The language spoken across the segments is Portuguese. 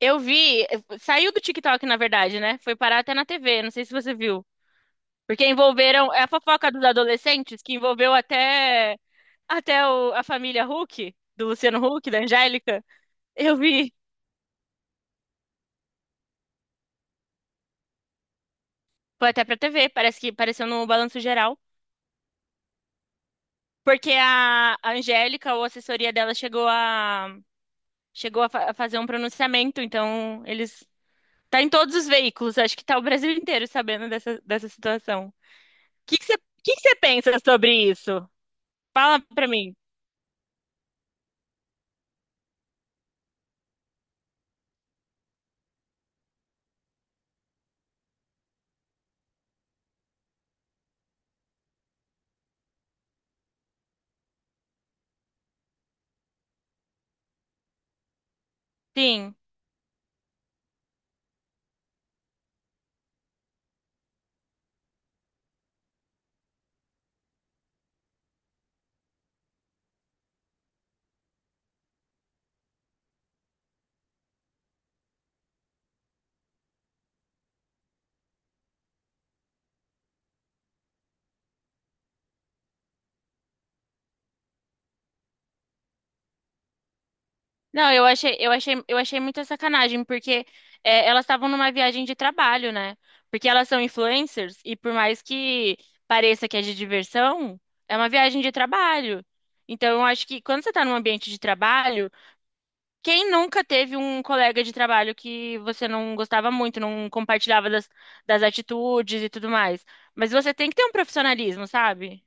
Eu vi, saiu do TikTok, na verdade, né? Foi parar até na TV, não sei se você viu. Porque envolveram, é a fofoca dos adolescentes que envolveu até a família Huck, do Luciano Huck, da Angélica. Eu vi, foi até pra TV, parece que apareceu no Balanço Geral. Porque a Angélica, ou a assessoria dela, a fazer um pronunciamento, então eles tá em todos os veículos, acho que tá o Brasil inteiro sabendo dessa situação. O que que você pensa sobre isso? Fala pra mim. Sim. Não, eu achei muita sacanagem, porque é, elas estavam numa viagem de trabalho, né? Porque elas são influencers e por mais que pareça que é de diversão, é uma viagem de trabalho. Então, eu acho que quando você está num ambiente de trabalho, quem nunca teve um colega de trabalho que você não gostava muito, não compartilhava das atitudes e tudo mais? Mas você tem que ter um profissionalismo, sabe?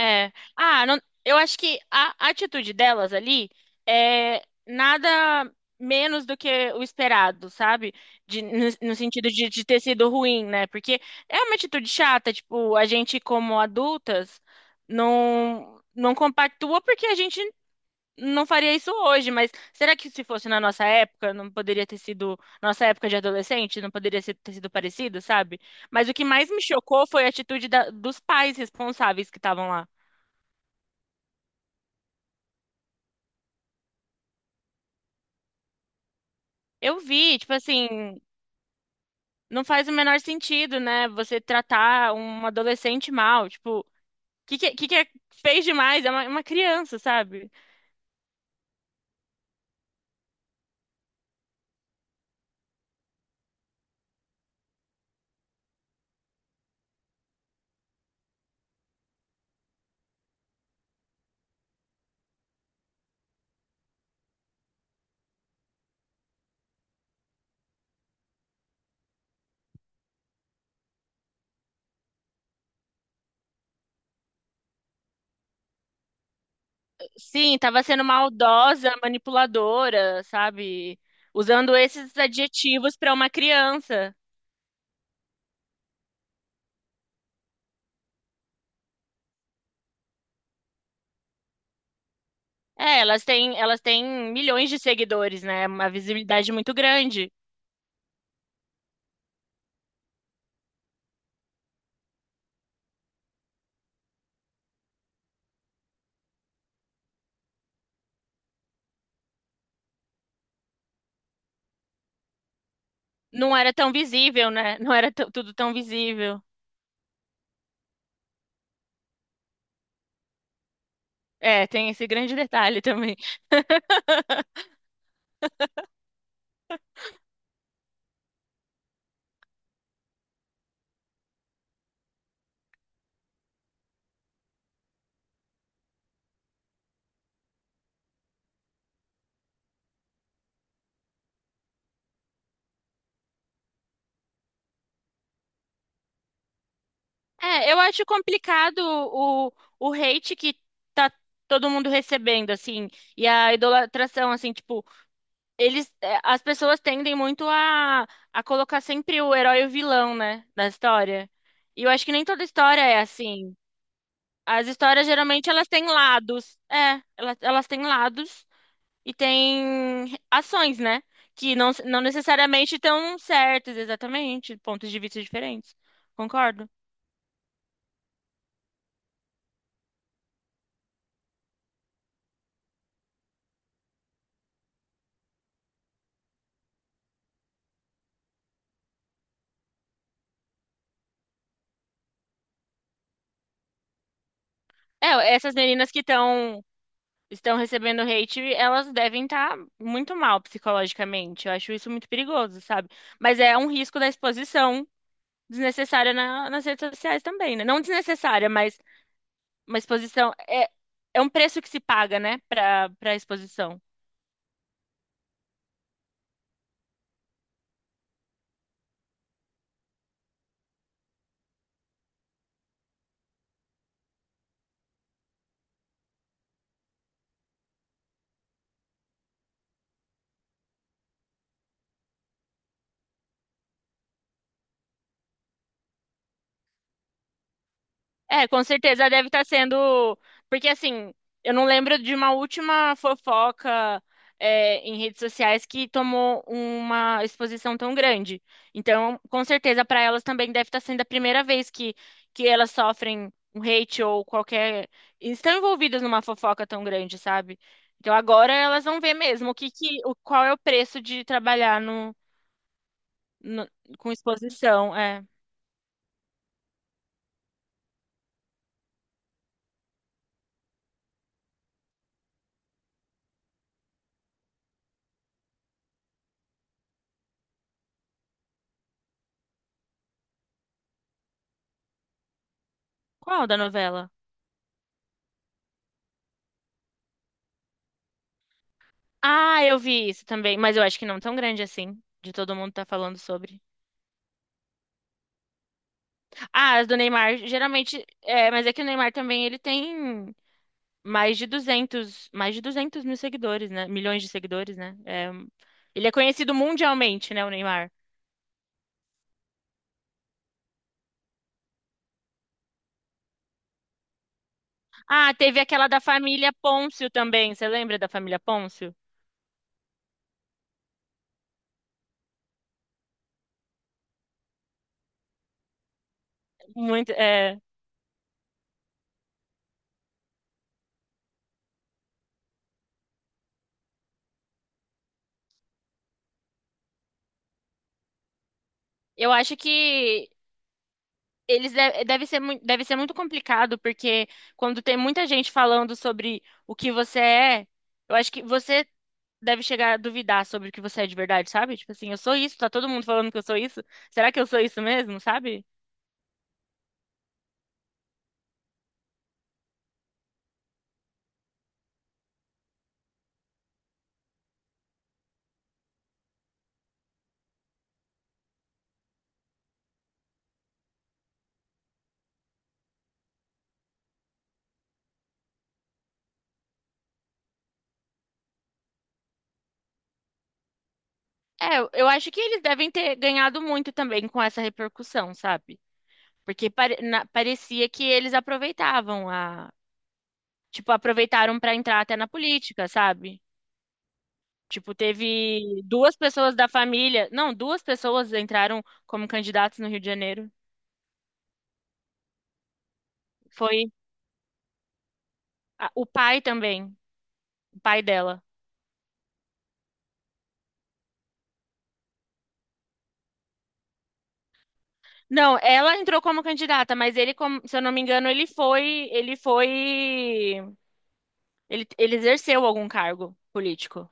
É. Eu acho que a atitude delas ali é nada menos do que o esperado, sabe? No sentido de ter sido ruim, né? Porque é uma atitude chata, tipo, a gente como adultas não compactua porque a gente não faria isso hoje, mas será que se fosse na nossa época, não poderia ter sido, nossa época de adolescente, não poderia ter sido parecido, sabe? Mas o que mais me chocou foi a atitude dos pais responsáveis que estavam lá. Eu vi, tipo assim, não faz o menor sentido, né? Você tratar um adolescente mal, tipo, o que fez demais? É uma criança, sabe? Sim, tava sendo maldosa, manipuladora, sabe? Usando esses adjetivos pra uma criança. É, elas têm milhões de seguidores, né? Uma visibilidade muito grande. Não era tão visível, né? Não era tão- Tudo tão visível. É, tem esse grande detalhe também. É, eu acho complicado o, o hate que tá todo mundo recebendo, assim, e a idolatração, assim, tipo, as pessoas tendem muito a colocar sempre o herói e o vilão, né, na história. E eu acho que nem toda história é assim. As histórias, geralmente, elas têm lados. É, elas têm lados e têm ações, né, que não necessariamente estão certas, exatamente, pontos de vista diferentes. Concordo. É, essas meninas que estão recebendo hate, elas devem estar muito mal psicologicamente. Eu acho isso muito perigoso, sabe? Mas é um risco da exposição desnecessária nas redes sociais também, né? Não desnecessária, mas uma exposição é um preço que se paga, né, para exposição. É, com certeza deve estar sendo. Porque, assim, eu não lembro de uma última fofoca, é, em redes sociais que tomou uma exposição tão grande. Então, com certeza, para elas também deve estar sendo a primeira vez que elas sofrem um hate ou qualquer. Estão envolvidas numa fofoca tão grande, sabe? Então, agora elas vão ver mesmo o que, que, o, qual é o preço de trabalhar no- com exposição. É. Qual da novela? Ah, eu vi isso também, mas eu acho que não tão grande assim, de todo mundo tá falando sobre. Ah, as do Neymar, geralmente, é, mas é que o Neymar também, ele tem mais de 200 mil seguidores, né? Milhões de seguidores, né? É, ele é conhecido mundialmente, né, o Neymar. Ah, teve aquela da família Pôncio também, você lembra da família Pôncio? Muito, é, eu acho que eles deve ser, deve ser muito complicado, porque quando tem muita gente falando sobre o que você é, eu acho que você deve chegar a duvidar sobre o que você é de verdade, sabe? Tipo assim, eu sou isso, tá todo mundo falando que eu sou isso. Será que eu sou isso mesmo, sabe? É, eu acho que eles devem ter ganhado muito também com essa repercussão, sabe? Porque parecia que eles aproveitavam tipo, aproveitaram pra entrar até na política, sabe? Tipo, teve duas pessoas da família, não, duas pessoas entraram como candidatos no Rio de Janeiro. Foi o pai também, o pai dela. Não, ela entrou como candidata, mas ele, como- se eu não me engano, ele exerceu algum cargo político.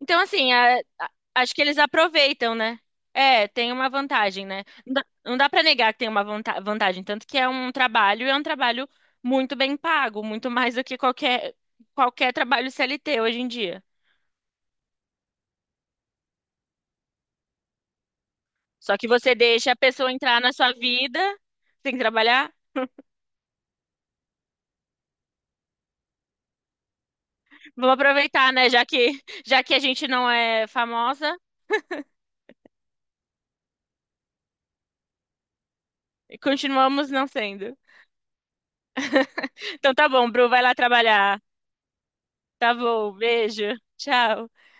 Então, assim, acho que eles aproveitam, né? É, tem uma vantagem, né? Não dá para negar que tem uma vantagem, tanto que é um trabalho, e é um trabalho muito bem pago, muito mais do que qualquer trabalho CLT hoje em dia. Só que você deixa a pessoa entrar na sua vida, tem que trabalhar. Vamos aproveitar, né? Já que a gente não é famosa, continuamos não sendo. Então tá bom, Bru, vai lá trabalhar. Tá bom, beijo. Tchau.